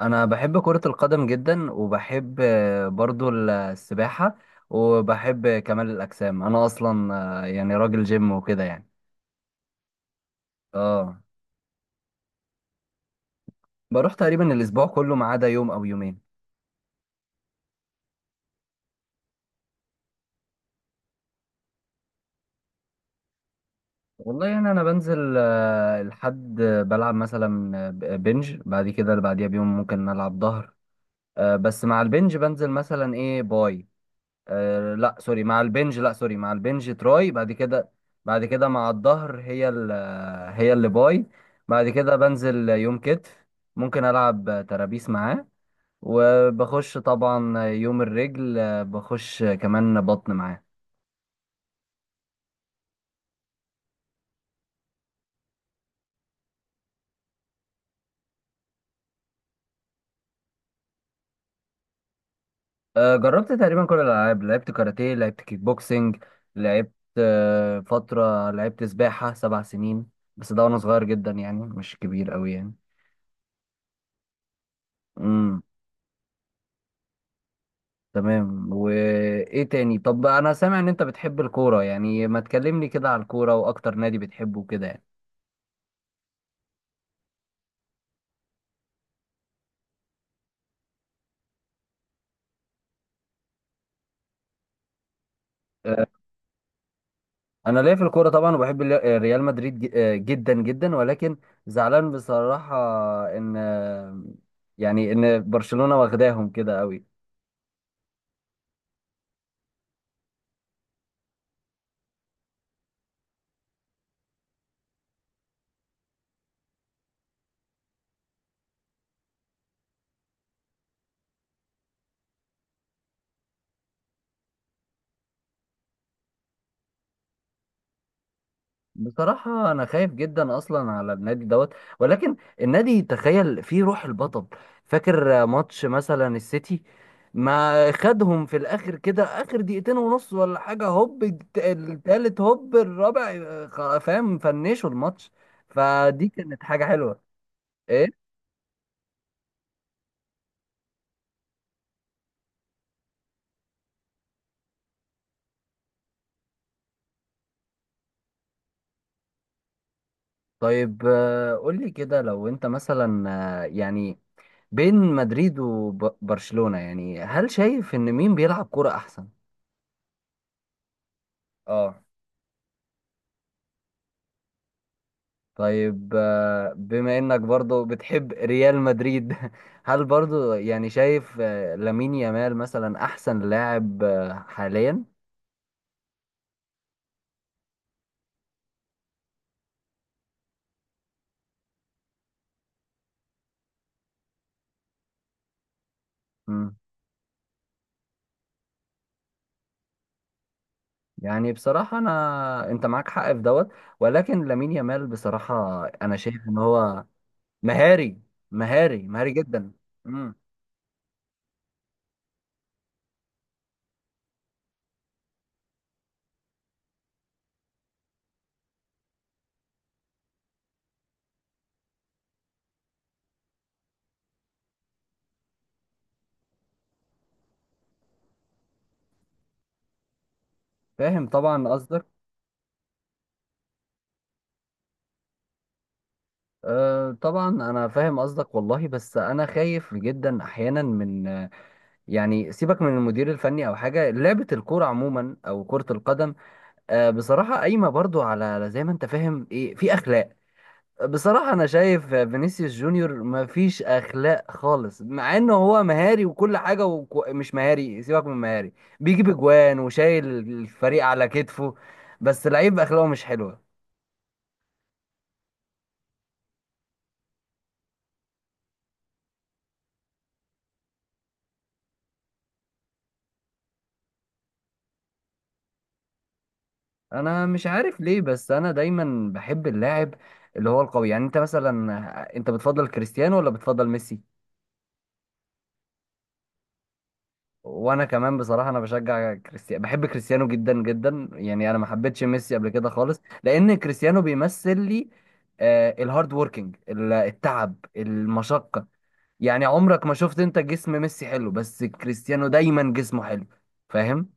انا بحب كرة القدم جدا وبحب برضو السباحة. وبحب كمال الاجسام، انا اصلا يعني راجل جيم وكده يعني. اه. بروح تقريبا الاسبوع كله ما عدا يوم او يومين. والله، يعني انا بنزل الحد، بلعب مثلا بنج. بعد كده اللي بعديها بيوم ممكن العب ظهر. بس مع البنج بنزل مثلا ايه، باي. لا سوري، مع البنج تراي بعد كده. بعد كده مع الظهر هي اللي باي. بعد كده بنزل يوم كتف، ممكن ألعب ترابيس معاه. وبخش طبعا يوم الرجل، بخش كمان بطن معاه. جربت تقريبا كل الألعاب، لعبت كاراتيه، لعبت كيك بوكسينج، لعبت آه، فترة لعبت سباحة 7 سنين. بس ده وأنا صغير جدا، يعني مش كبير أوي يعني. مم. تمام. وايه تاني؟ طب انا سامع ان انت بتحب الكوره، يعني ما تكلمني كده على الكوره، واكتر نادي بتحبه كده يعني. آه، انا ليا في الكوره طبعا، وبحب ريال مدريد جدا جدا، ولكن زعلان بصراحه ان آه، يعني ان برشلونه واخداهم كده قوي. بصراحة أنا خايف جدا أصلا على النادي دوت، ولكن النادي تخيل فيه روح البطل. فاكر ماتش مثلا السيتي؟ ما خدهم في الآخر كده آخر دقيقتين ونص ولا حاجة، هوب التالت، هوب الرابع، فاهم، فنشوا الماتش. فدي كانت حاجة حلوة. إيه. طيب، قولي كده لو أنت مثلا، آه، يعني بين مدريد وبرشلونة، يعني هل شايف إن مين بيلعب كرة أحسن؟ اه. طيب، بما انك برضو بتحب ريال مدريد هل برضو يعني شايف لامين يامال مثلا احسن لاعب حاليا؟ مم. يعني بصراحة انت معاك حق في دوت، ولكن لامين يامال بصراحة انا شايف ان هو مهاري، مهاري، مهاري جدا. مم. فاهم طبعا قصدك. أه طبعا انا فاهم قصدك والله، بس انا خايف جدا احيانا من يعني سيبك من المدير الفني او حاجه، لعبه الكوره عموما او كره القدم بصراحة قايمة برضو على زي ما انت فاهم، ايه، في اخلاق. بصراحة انا شايف فينيسيوس جونيور مفيش اخلاق خالص، مع انه هو مهاري وكل حاجة مش مهاري، سيبك من مهاري. بيجيب اجوان وشايل الفريق على كتفه، بس لعيب اخلاقه مش حلوة. انا مش عارف ليه، بس انا دايما بحب اللاعب اللي هو القوي. يعني انت مثلا بتفضل كريستيانو ولا بتفضل ميسي؟ وانا كمان بصراحه، انا بشجع كريستيانو، بحب كريستيانو جدا جدا. يعني انا ما حبيتش ميسي قبل كده خالص، لان كريستيانو بيمثل لي الهارد ووركينج، التعب، المشقه. يعني عمرك ما شفت انت جسم ميسي حلو؟ بس كريستيانو دايما جسمه حلو، فاهم؟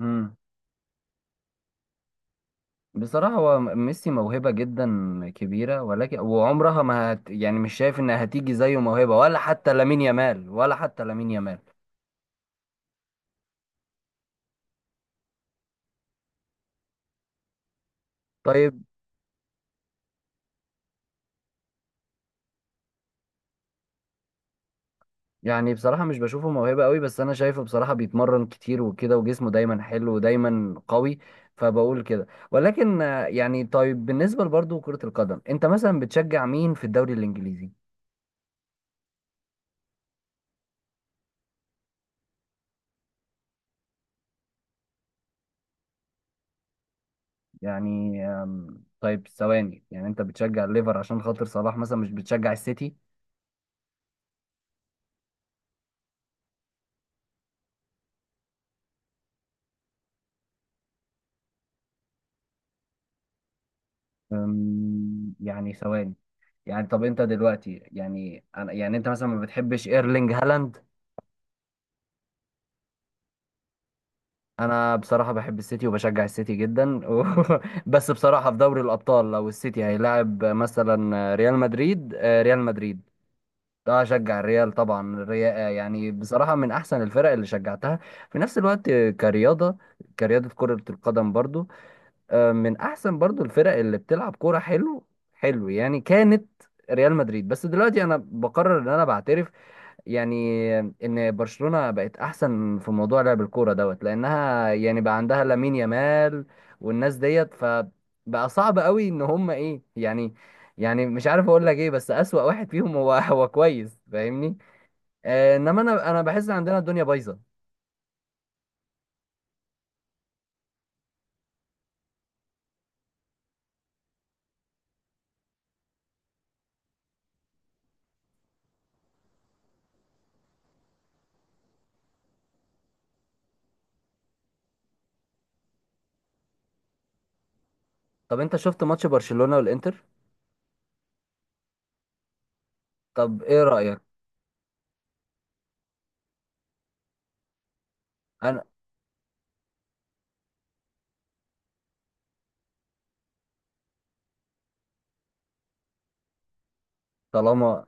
امم بصراحه هو ميسي موهبه جدا كبيره، ولكن وعمرها ما هت يعني مش شايف انها هتيجي زيه موهبه، ولا حتى لامين يامال، ولا حتى لامين يامال. طيب. يعني بصراحة مش بشوفه موهبة قوي، بس أنا شايفه بصراحة بيتمرن كتير وكده، وجسمه دايما حلو ودايما قوي. فبقول كده، ولكن طيب، بالنسبة برضه كرة القدم أنت مثلا بتشجع مين في الدوري الإنجليزي؟ يعني طيب ثواني، يعني أنت بتشجع الليفر عشان خاطر صلاح مثلا، مش بتشجع السيتي؟ يعني ثواني. يعني طب أنت دلوقتي، يعني أنا يعني أنت مثلا ما بتحبش إيرلينج هالاند؟ انا بصراحه بحب السيتي وبشجع السيتي جدا بس بصراحه في دوري الابطال، لو السيتي هيلاعب مثلا ريال مدريد. اه، اشجع الريال طبعا. الريال يعني بصراحه من احسن الفرق اللي شجعتها في نفس الوقت. كرياضه كره القدم برضو، من احسن برضو الفرق اللي بتلعب كوره حلو. حلو، يعني كانت ريال مدريد، بس دلوقتي انا بقرر ان انا بعترف يعني ان برشلونة بقت احسن في موضوع لعب الكورة دوت، لانها يعني بقى عندها لامين يامال والناس ديت، فبقى صعب قوي ان هم ايه يعني. يعني مش عارف اقول لك ايه، بس اسوأ واحد فيهم هو هو كويس، فاهمني. انما انا بحس عندنا الدنيا بايظة. طب انت شفت ماتش برشلونة والانتر؟ طب ايه رأيك؟ انا طالما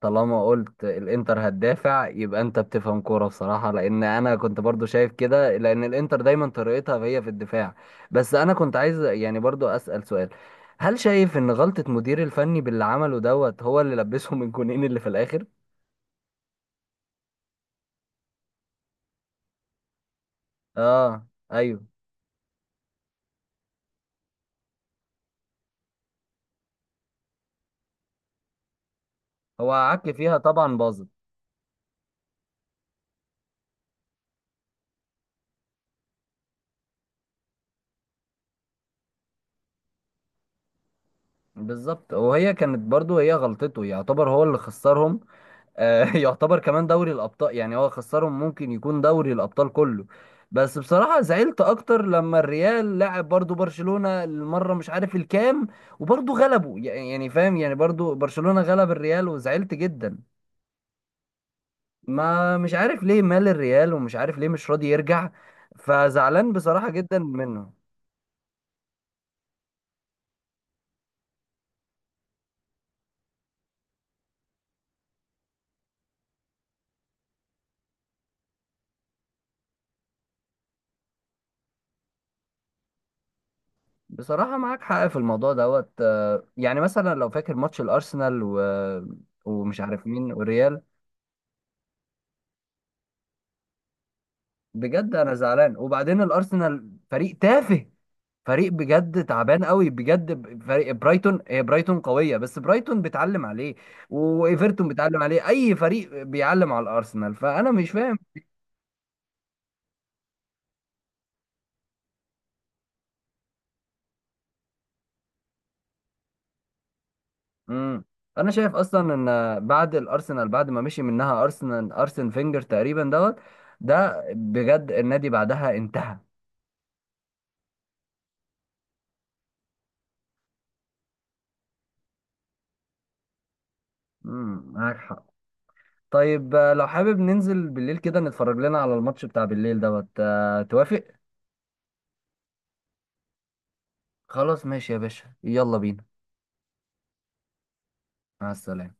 طالما قلت الانتر هتدافع، يبقى انت بتفهم كوره بصراحه، لان انا كنت برضو شايف كده، لان الانتر دايما طريقتها هي في الدفاع. بس انا كنت عايز يعني برضو اسال سؤال. هل شايف ان غلطه مدير الفني باللي عمله دوت، هو اللي لبسهم الجونين اللي في الاخر؟ اه، ايوه. هو عك فيها طبعا، باظت. بالظبط، وهي كانت برضو هي غلطته، يعتبر هو اللي خسرهم. يعتبر كمان دوري الابطال، يعني هو خسرهم، ممكن يكون دوري الابطال كله. بس بصراحة زعلت اكتر لما الريال لعب برضو برشلونة المرة مش عارف الكام، وبرضو غلبه يعني فاهم، يعني برضو برشلونة غلب الريال، وزعلت جدا. ما مش عارف ليه مال الريال، ومش عارف ليه مش راضي يرجع، فزعلان بصراحة جدا منه. بصراحة معاك حق في الموضوع دوت، يعني مثلا لو فاكر ماتش الارسنال ومش عارف مين والريال. بجد انا زعلان، وبعدين الارسنال فريق تافه، فريق بجد تعبان قوي بجد، فريق برايتون، هي برايتون قويه بس برايتون بتعلم عليه، وايفرتون بتعلم عليه، اي فريق بيعلم على الارسنال، فانا مش فاهم. امم انا شايف اصلا ان بعد ما مشي منها ارسن فينجر تقريبا دوت، ده بجد النادي بعدها انتهى. معاك حق. طيب، لو حابب ننزل بالليل كده نتفرج لنا على الماتش بتاع بالليل دوت، توافق؟ خلاص، ماشي يا باشا، يلا بينا. مع السلامة.